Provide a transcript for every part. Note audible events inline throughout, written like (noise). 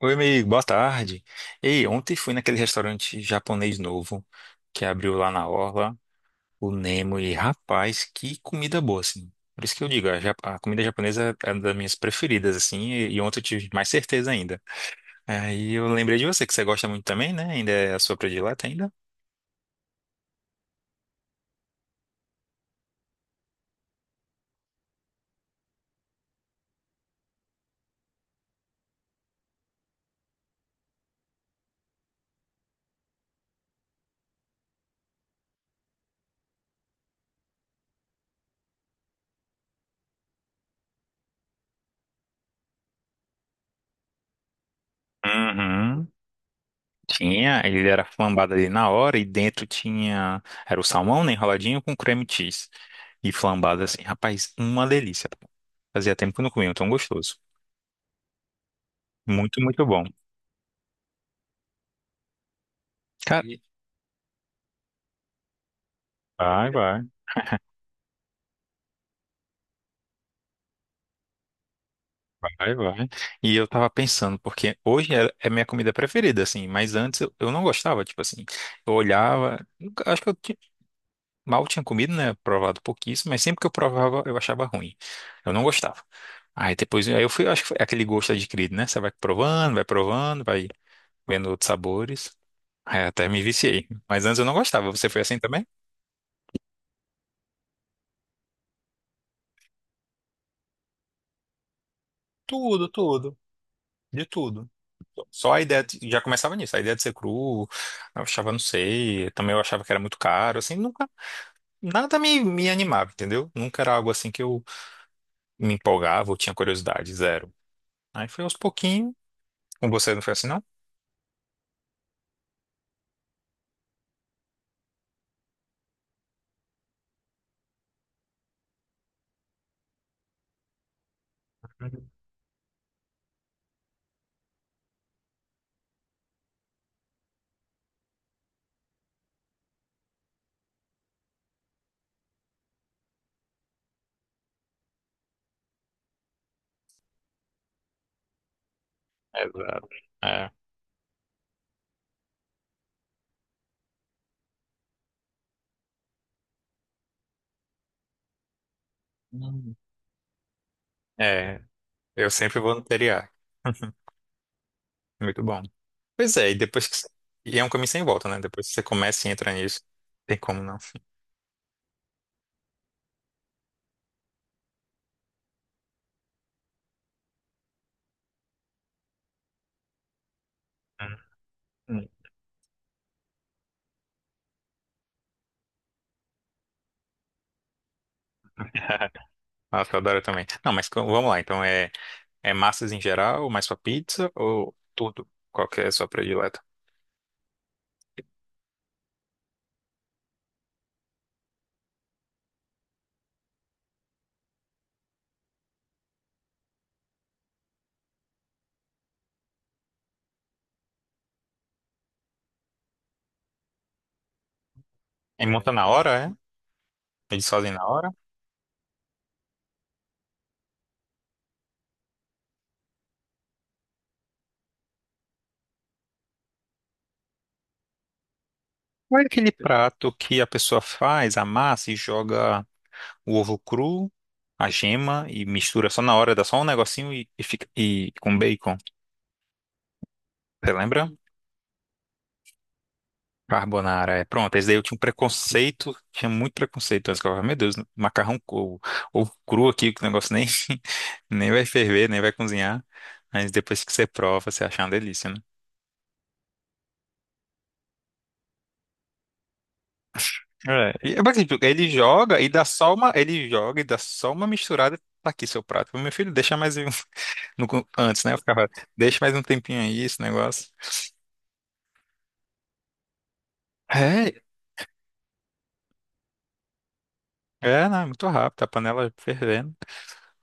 Oi, amigo, boa tarde. Ei, ontem fui naquele restaurante japonês novo que abriu lá na Orla, o Nemo, e rapaz, que comida boa, assim. Por isso que eu digo, a comida japonesa é uma das minhas preferidas, assim, e ontem eu tive mais certeza ainda. Aí eu lembrei de você, que você gosta muito também, né? Ainda é a sua predileta ainda? Uhum. Tinha, ele era flambado ali na hora e dentro tinha, era o salmão, né, enroladinho com creme cheese. E flambado assim, rapaz, uma delícia. Fazia tempo que eu não comia, um tão gostoso. Muito, muito bom. Cara, vai, vai, vai, vai. E eu tava pensando, porque hoje é minha comida preferida, assim, mas antes eu não gostava, tipo assim, eu olhava, acho que eu mal tinha comido, né? Provado pouquíssimo, mas sempre que eu provava eu achava ruim. Eu não gostava. Aí depois, aí eu fui, acho que foi aquele gosto adquirido, né? Você vai provando, vai provando, vai vendo outros sabores. Aí até me viciei. Mas antes eu não gostava. Você foi assim também? Tudo, tudo, de tudo. Só a ideia já começava nisso, a ideia de ser cru, eu achava, não sei, também eu achava que era muito caro, assim, nunca, nada me animava, entendeu? Nunca era algo assim que eu me empolgava ou tinha curiosidade, zero. Aí foi aos pouquinhos, com você não foi assim, não? Uhum. Exato. É. Hum. É, eu sempre vou no TDA. (laughs) Muito bom. Pois é. E é um caminho sem volta, né? Depois que você começa e entra nisso, tem como não. Hum. (laughs) Nossa, eu adoro também. Não, mas vamos lá, então é. É massas em geral, mais pra pizza ou tudo? Qual que é a sua predileta? E monta na hora, é? Eles fazem na hora? Ou é aquele prato que a pessoa faz, amassa e joga o ovo cru, a gema e mistura só na hora, dá só um negocinho e fica e com bacon. Você lembra? Carbonara, é. Pronto, esse daí eu tinha um preconceito, tinha muito preconceito antes, que eu falava, meu Deus, macarrão ou, cru aqui, que o negócio nem, (laughs) nem vai ferver, nem vai cozinhar, mas depois que você prova, você acha uma delícia, né? É, e, mas, assim, tipo, ele joga e dá só uma, ele joga e dá só uma misturada, tá aqui seu prato. Meu filho, deixa mais um, (laughs) antes, né? Eu ficava, deixa mais um tempinho aí, esse negócio. É, é, né? Muito rápido, a panela fervendo.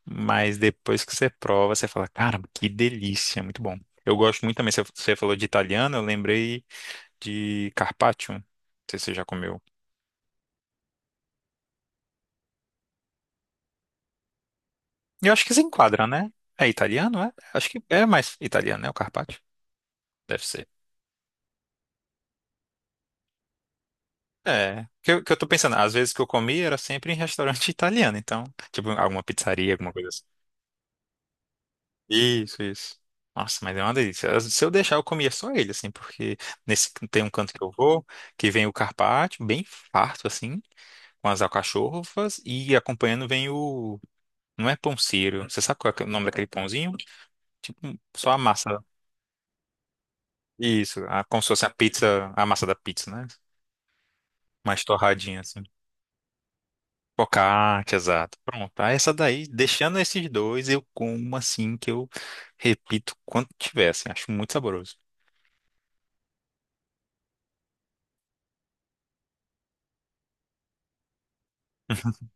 Mas depois que você prova, você fala, caramba, que delícia, muito bom. Eu gosto muito também, você falou de italiano, eu lembrei de carpaccio. Não sei se você já comeu. Eu acho que se enquadra, né? É italiano, é? Acho que é mais italiano, né? O carpaccio. Deve ser. É, que eu tô pensando, às vezes que eu comi era sempre em (laughs) restaurante italiano, então, tipo, alguma pizzaria, alguma coisa assim. Isso, isso. Nossa, mas é uma delícia. Se eu deixar, eu comia só ele, assim, porque nesse tem um canto que eu vou, que vem o carpaccio, bem farto, assim, com as alcachofras e acompanhando vem o. Não é pão sírio. Você sabe qual é o nome daquele pãozinho? Tipo, só a massa. Isso, como se fosse a pizza, a massa da pizza, né? Mais torradinha, assim. Focaccia, exato. Pronto. Aí essa daí, deixando esses dois, eu como assim, que eu repito quanto tiver, assim. Acho muito saboroso. (laughs)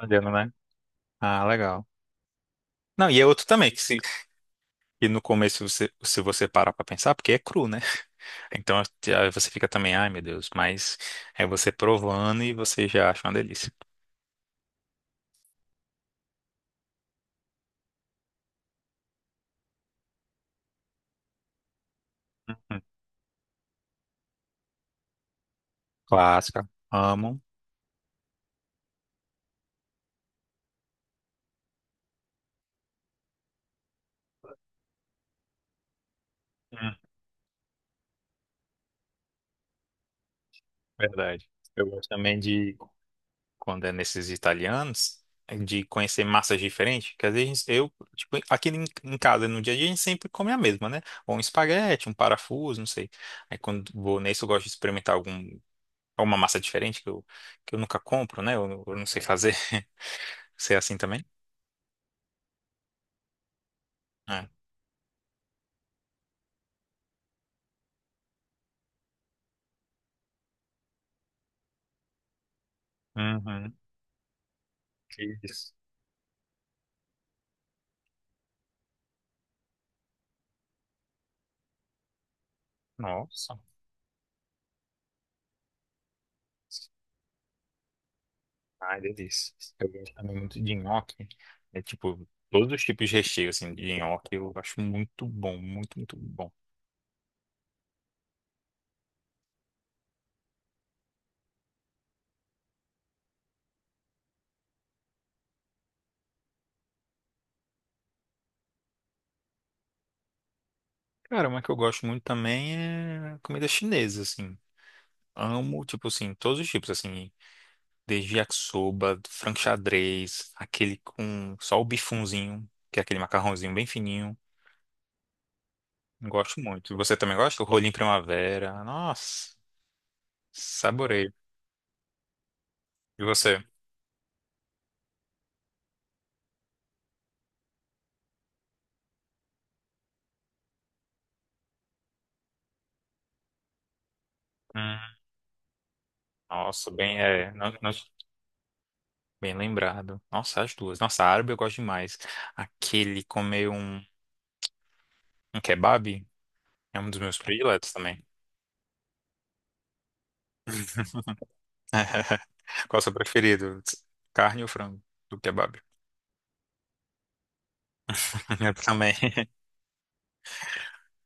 Olhando, né? Ah, legal. Não, e é outro também, que no começo, você, se você parar pra pensar, porque é cru, né? Então aí você fica também, ai meu Deus, mas é você provando e você já acha uma delícia. Uhum. Clássica, amo. Hum, verdade. Eu gosto também de, quando é nesses italianos, de conhecer massas diferentes, que às vezes eu, tipo, aqui em casa, no dia a dia, a gente sempre come a mesma, né? Ou um espaguete, um parafuso, não sei. Aí quando vou nesse, eu gosto de experimentar algum, alguma massa diferente que eu, nunca compro, né? Eu não sei fazer. (laughs) Você é assim também? É. Uhum. Que isso. Nossa. Ai, delícia. Eu gosto também muito de nhoque. É tipo, todos os tipos de recheio, assim, de nhoque eu acho muito bom, muito, muito bom. Cara, uma que eu gosto muito também é comida chinesa, assim. Amo, tipo assim, todos os tipos, assim. Desde yakisoba, frango xadrez, aquele com só o bifunzinho, que é aquele macarrãozinho bem fininho. Gosto muito. Você também gosta? O rolinho primavera. Nossa, saborei. E você? Hum, nossa, bem, é. Não, não. Bem lembrado. Nossa, as duas. Nossa, árabe eu gosto demais. Aquele comer um kebab é um dos meus prediletos também. (laughs) Qual é o seu preferido? Carne ou frango? Do kebab. (laughs) Eu também. (laughs)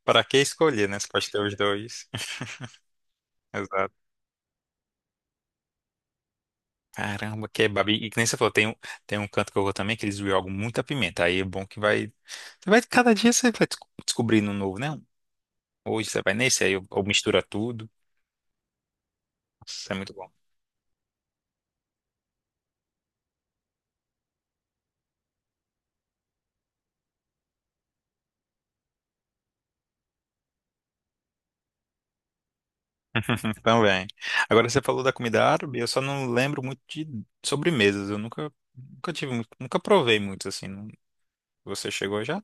Para que escolher, né? Você pode ter os dois. (laughs) Exato. Caramba, kebab. E que nem você falou, tem um canto que eu vou também que eles jogam muita pimenta. Aí é bom que vai. Você vai cada dia você vai descobrindo um novo, né? Hoje você vai nesse, aí eu mistura tudo. Nossa, isso é muito bom. (laughs) Também. Agora você falou da comida árabe, eu só não lembro muito de sobremesas. Eu nunca, nunca tive, nunca provei muito assim. Você chegou já?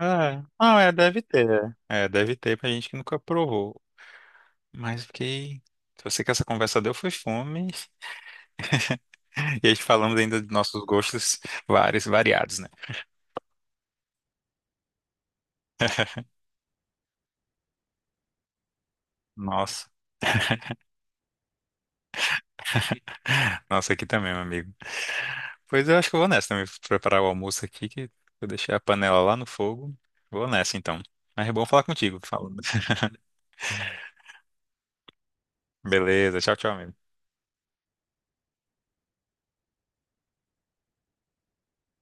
É. Não, é, deve ter. É, deve ter pra gente que nunca provou. Mas fiquei. Eu sei que essa conversa deu foi fome. (laughs) E a gente falamos ainda de nossos gostos vários, variados, né? (laughs) Nossa. Nossa, aqui também, meu amigo. Pois eu acho que eu vou nessa também, preparar o almoço aqui, que eu deixei a panela lá no fogo. Vou nessa então. Mas é bom falar contigo, falando. (laughs) Beleza, tchau, tchau, amigo.